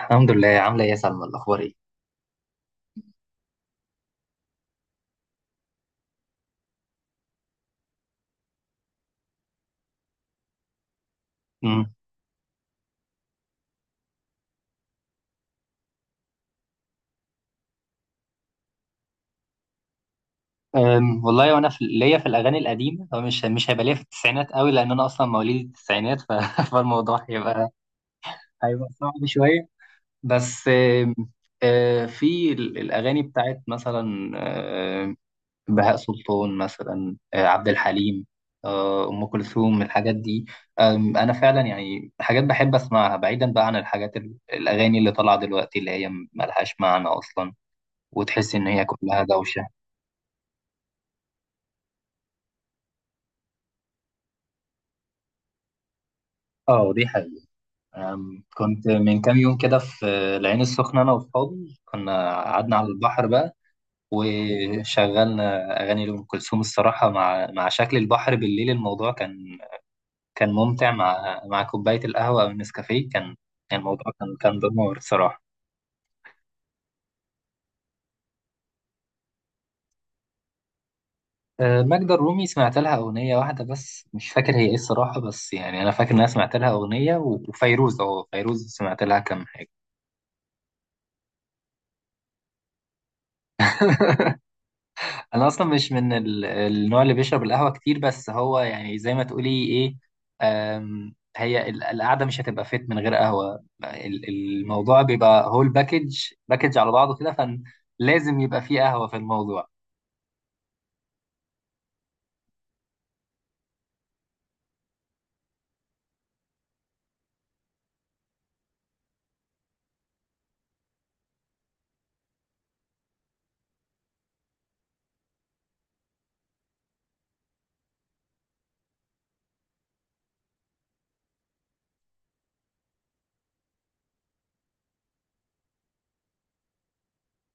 الحمد لله، عامله ايه يا سلمى؟ الاخبار ايه؟ امم والله وانا في ليا في الاغاني القديمه، هو مش هيبقى ليا في التسعينات قوي لان انا اصلا مواليد التسعينات فالموضوع هيبقى، هيبقى صعب شويه. بس أم، في الاغاني بتاعت مثلا بهاء سلطان، مثلا عبد الحليم، ام كلثوم، الحاجات دي. انا فعلا يعني حاجات بحب اسمعها، بعيدا بقى عن الحاجات الاغاني اللي طالعه دلوقتي اللي هي ملهاش معنى اصلا، وتحس ان هي كلها دوشه. اه ودي حقيقة. كنت من كام يوم كده في العين السخنة، أنا وأصحابي كنا قعدنا على البحر بقى، وشغلنا أغاني لأم كلثوم. الصراحة مع شكل البحر بالليل الموضوع كان، كان ممتع، مع كوباية القهوة أو النسكافيه كان، كان الموضوع كان دمار الصراحة. ماجدة الرومي سمعت لها أغنية واحدة بس، مش فاكر هي إيه الصراحة، بس يعني أنا فاكر إن أنا سمعت لها أغنية، وفيروز، أه فيروز سمعت لها كام حاجة. انا اصلا مش من النوع اللي بيشرب القهوه كتير، بس هو يعني زي ما تقولي ايه، هي القعده مش هتبقى فيت من غير قهوه، الموضوع بيبقى هول باكج، باكج على بعضه كده، فلازم يبقى فيه قهوه في الموضوع.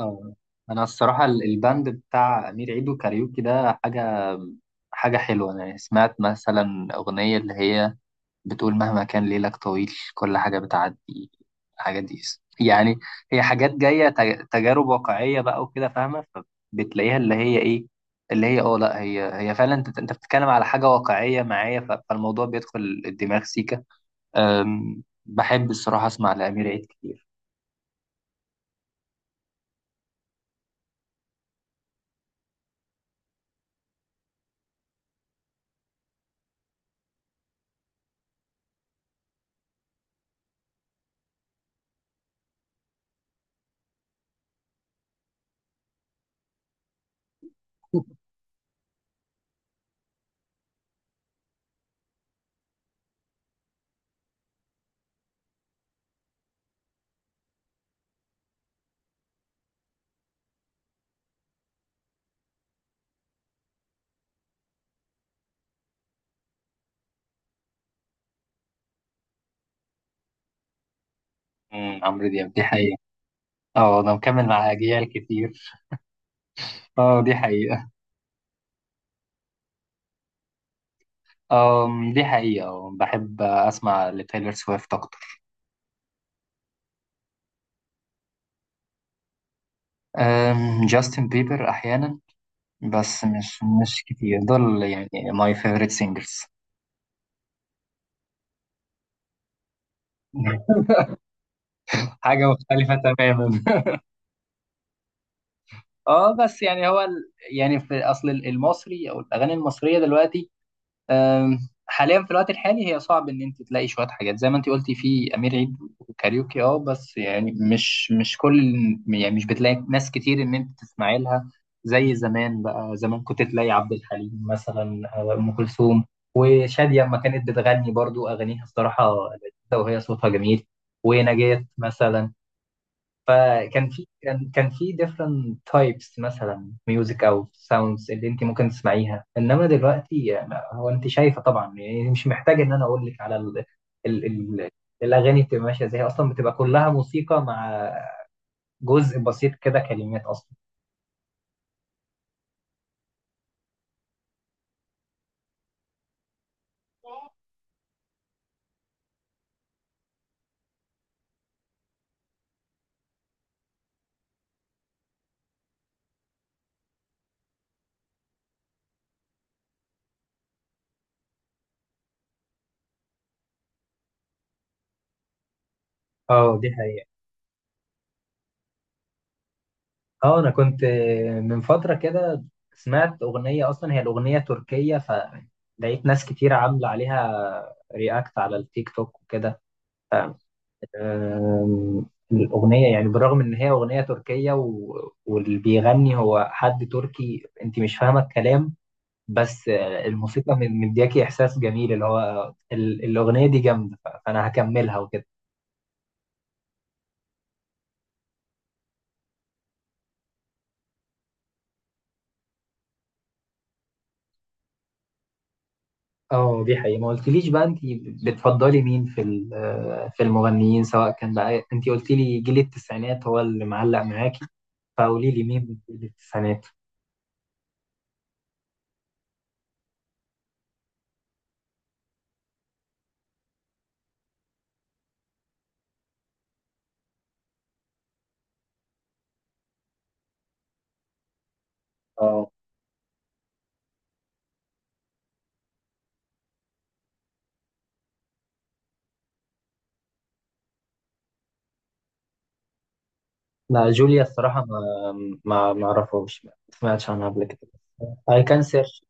اه انا الصراحه الباند بتاع امير عيد وكاريوكي ده حاجه، حاجه حلوه. انا سمعت مثلا اغنيه اللي هي بتقول مهما كان ليلك طويل كل حاجة بتعدي، الحاجات دي يعني هي حاجات جاية تجارب واقعية بقى وكده، فاهمة؟ فبتلاقيها اللي هي ايه، اللي هي اه لا هي، هي فعلا انت بتتكلم على حاجة واقعية معايا، فالموضوع بيدخل الدماغ سيكا. بحب الصراحة اسمع لأمير عيد كتير. أمم، عمرو دياب دي حقيقة. اه انا مكمل مع اجيال كتير. اه دي حقيقة. أم دي حقيقة، بحب اسمع لتايلر سويفت اكتر. جاستن بيبر احيانا، بس مش كتير دول يعني. ماي فيفورت سينجرز. حاجة مختلفة تماما. اه بس يعني هو يعني في اصل المصري او الاغاني المصرية دلوقتي، أم، حاليا في الوقت الحالي هي صعب ان انت تلاقي شويه حاجات زي ما انت قلتي في امير عيد وكاريوكي، اه بس يعني مش كل، يعني مش بتلاقي ناس كتير ان انت تسمعي لها زي زمان. بقى زمان كنت تلاقي عبد الحليم مثلا أو ام كلثوم وشاديه لما كانت بتغني، برضو اغانيها الصراحه لذيذه وهي صوتها جميل، ونجاة مثلا. فكان في، كان في different types مثلا ميوزك او sounds اللي انت ممكن تسمعيها، انما دلوقتي هو انت شايفه طبعا، يعني مش محتاج ان انا اقول لك على ال ال الاغاني بتبقى ماشيه ازاي. اصلا بتبقى كلها موسيقى مع جزء بسيط كده كلمات اصلا. اه دي حقيقة. اه انا كنت من فترة كده سمعت اغنية، اصلا هي الاغنية تركية، فلقيت ناس كتير عاملة عليها رياكت على التيك توك وكده. آم، الأغنية يعني بالرغم إن هي أغنية تركية واللي بيغني هو حد تركي، أنت مش فاهمة الكلام، بس آه، الموسيقى مدياكي إحساس جميل، اللي هو ال... الأغنية دي جامدة، فأنا هكملها وكده. اه دي حقيقة. ما قلتليش بقى أنت بتفضلي مين في آه، في المغنيين؟ سواء كان بقى أنت قلتي لي جيل التسعينات هو اللي معلق معاكي، فقولي لي مين من جيل التسعينات. اه لا جوليا الصراحة ما أعرفهاش، ما سمعتش عنها قبل كده. اي كان سيرش.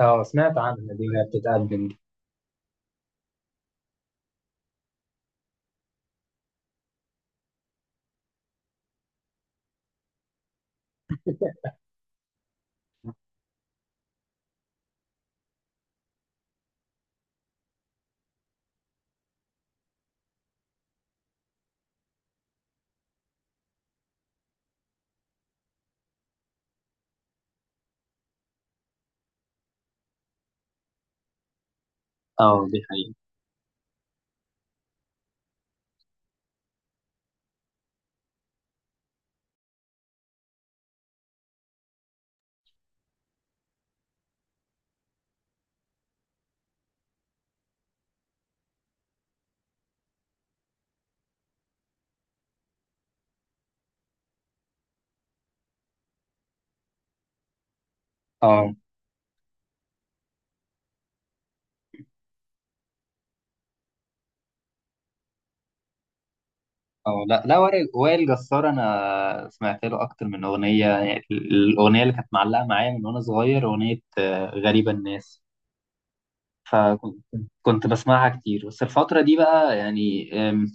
اه سمعت عنها دي وهي بتتقدم دي. اه دي حقيقة. اه اه لا لا، وائل جسار انا سمعت له اكتر من اغنية، يعني الاغنية اللي كانت معلقة معايا من وانا صغير اغنية آه، غريبة الناس، فكنت، كنت بسمعها كتير. بس الفترة دي بقى يعني آم،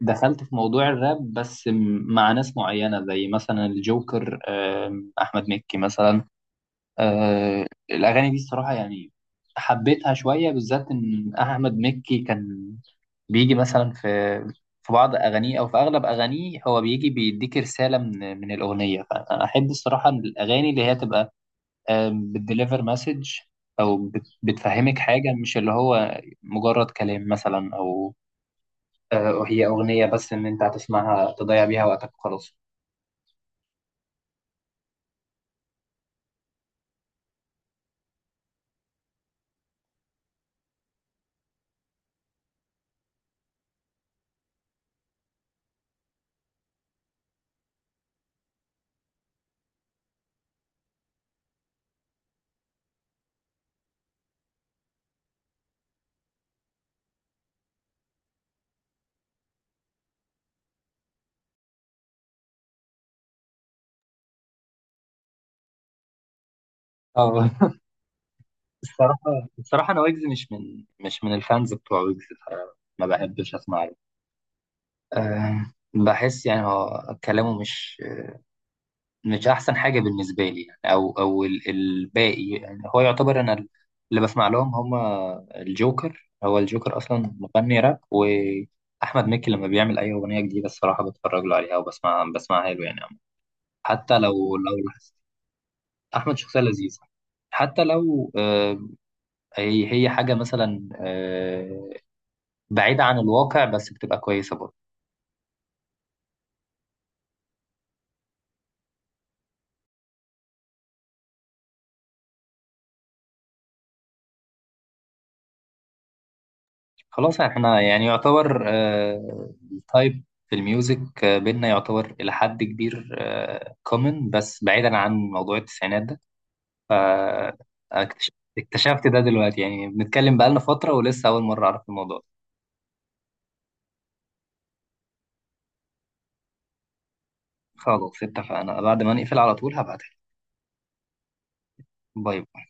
دخلت في موضوع الراب، بس مع ناس معينة زي مثلا الجوكر، آم، احمد مكي مثلا. آه الأغاني دي الصراحة يعني حبيتها شوية، بالذات إن أحمد مكي كان بيجي مثلا في في بعض أغانيه أو في أغلب أغانيه، هو بيجي بيديك رسالة من الأغنية، فأنا أحب الصراحة إن الأغاني اللي هي تبقى آه بتديليفر مسج، أو بتفهمك حاجة، مش اللي هو مجرد كلام مثلا أو آه هي أغنية بس إن أنت هتسمعها تضيع بيها وقتك وخلاص. الصراحة، الصراحة أنا ويجز مش من الفانز بتوع ويجز، فما بحبش أسمع له. أه بحس يعني هو كلامه مش أحسن حاجة بالنسبة لي، يعني أو الباقي يعني هو يعتبر. أنا اللي بسمع لهم هما الجوكر، هو الجوكر أصلا مغني راب، وأحمد مكي لما بيعمل أي أغنية جديدة الصراحة بتفرج له عليها وبسمع، بسمعها له يعني، حتى لو لاحظت. أحمد شخصية لذيذة. حتى لو آه، هي هي حاجة مثلا آه، بعيدة عن الواقع بس بتبقى كويسة برضه. خلاص احنا يعني يعتبر آه، التايب في الميوزك آه، بينا يعتبر إلى حد كبير كومن، بس بعيدا عن موضوع التسعينات ده، ف اكتش- اكتشفت ده دلوقتي، يعني بنتكلم بقالنا فترة ولسه أول مرة أعرف الموضوع ده. خلاص اتفقنا، بعد ما نقفل على طول هبعتها. باي باي.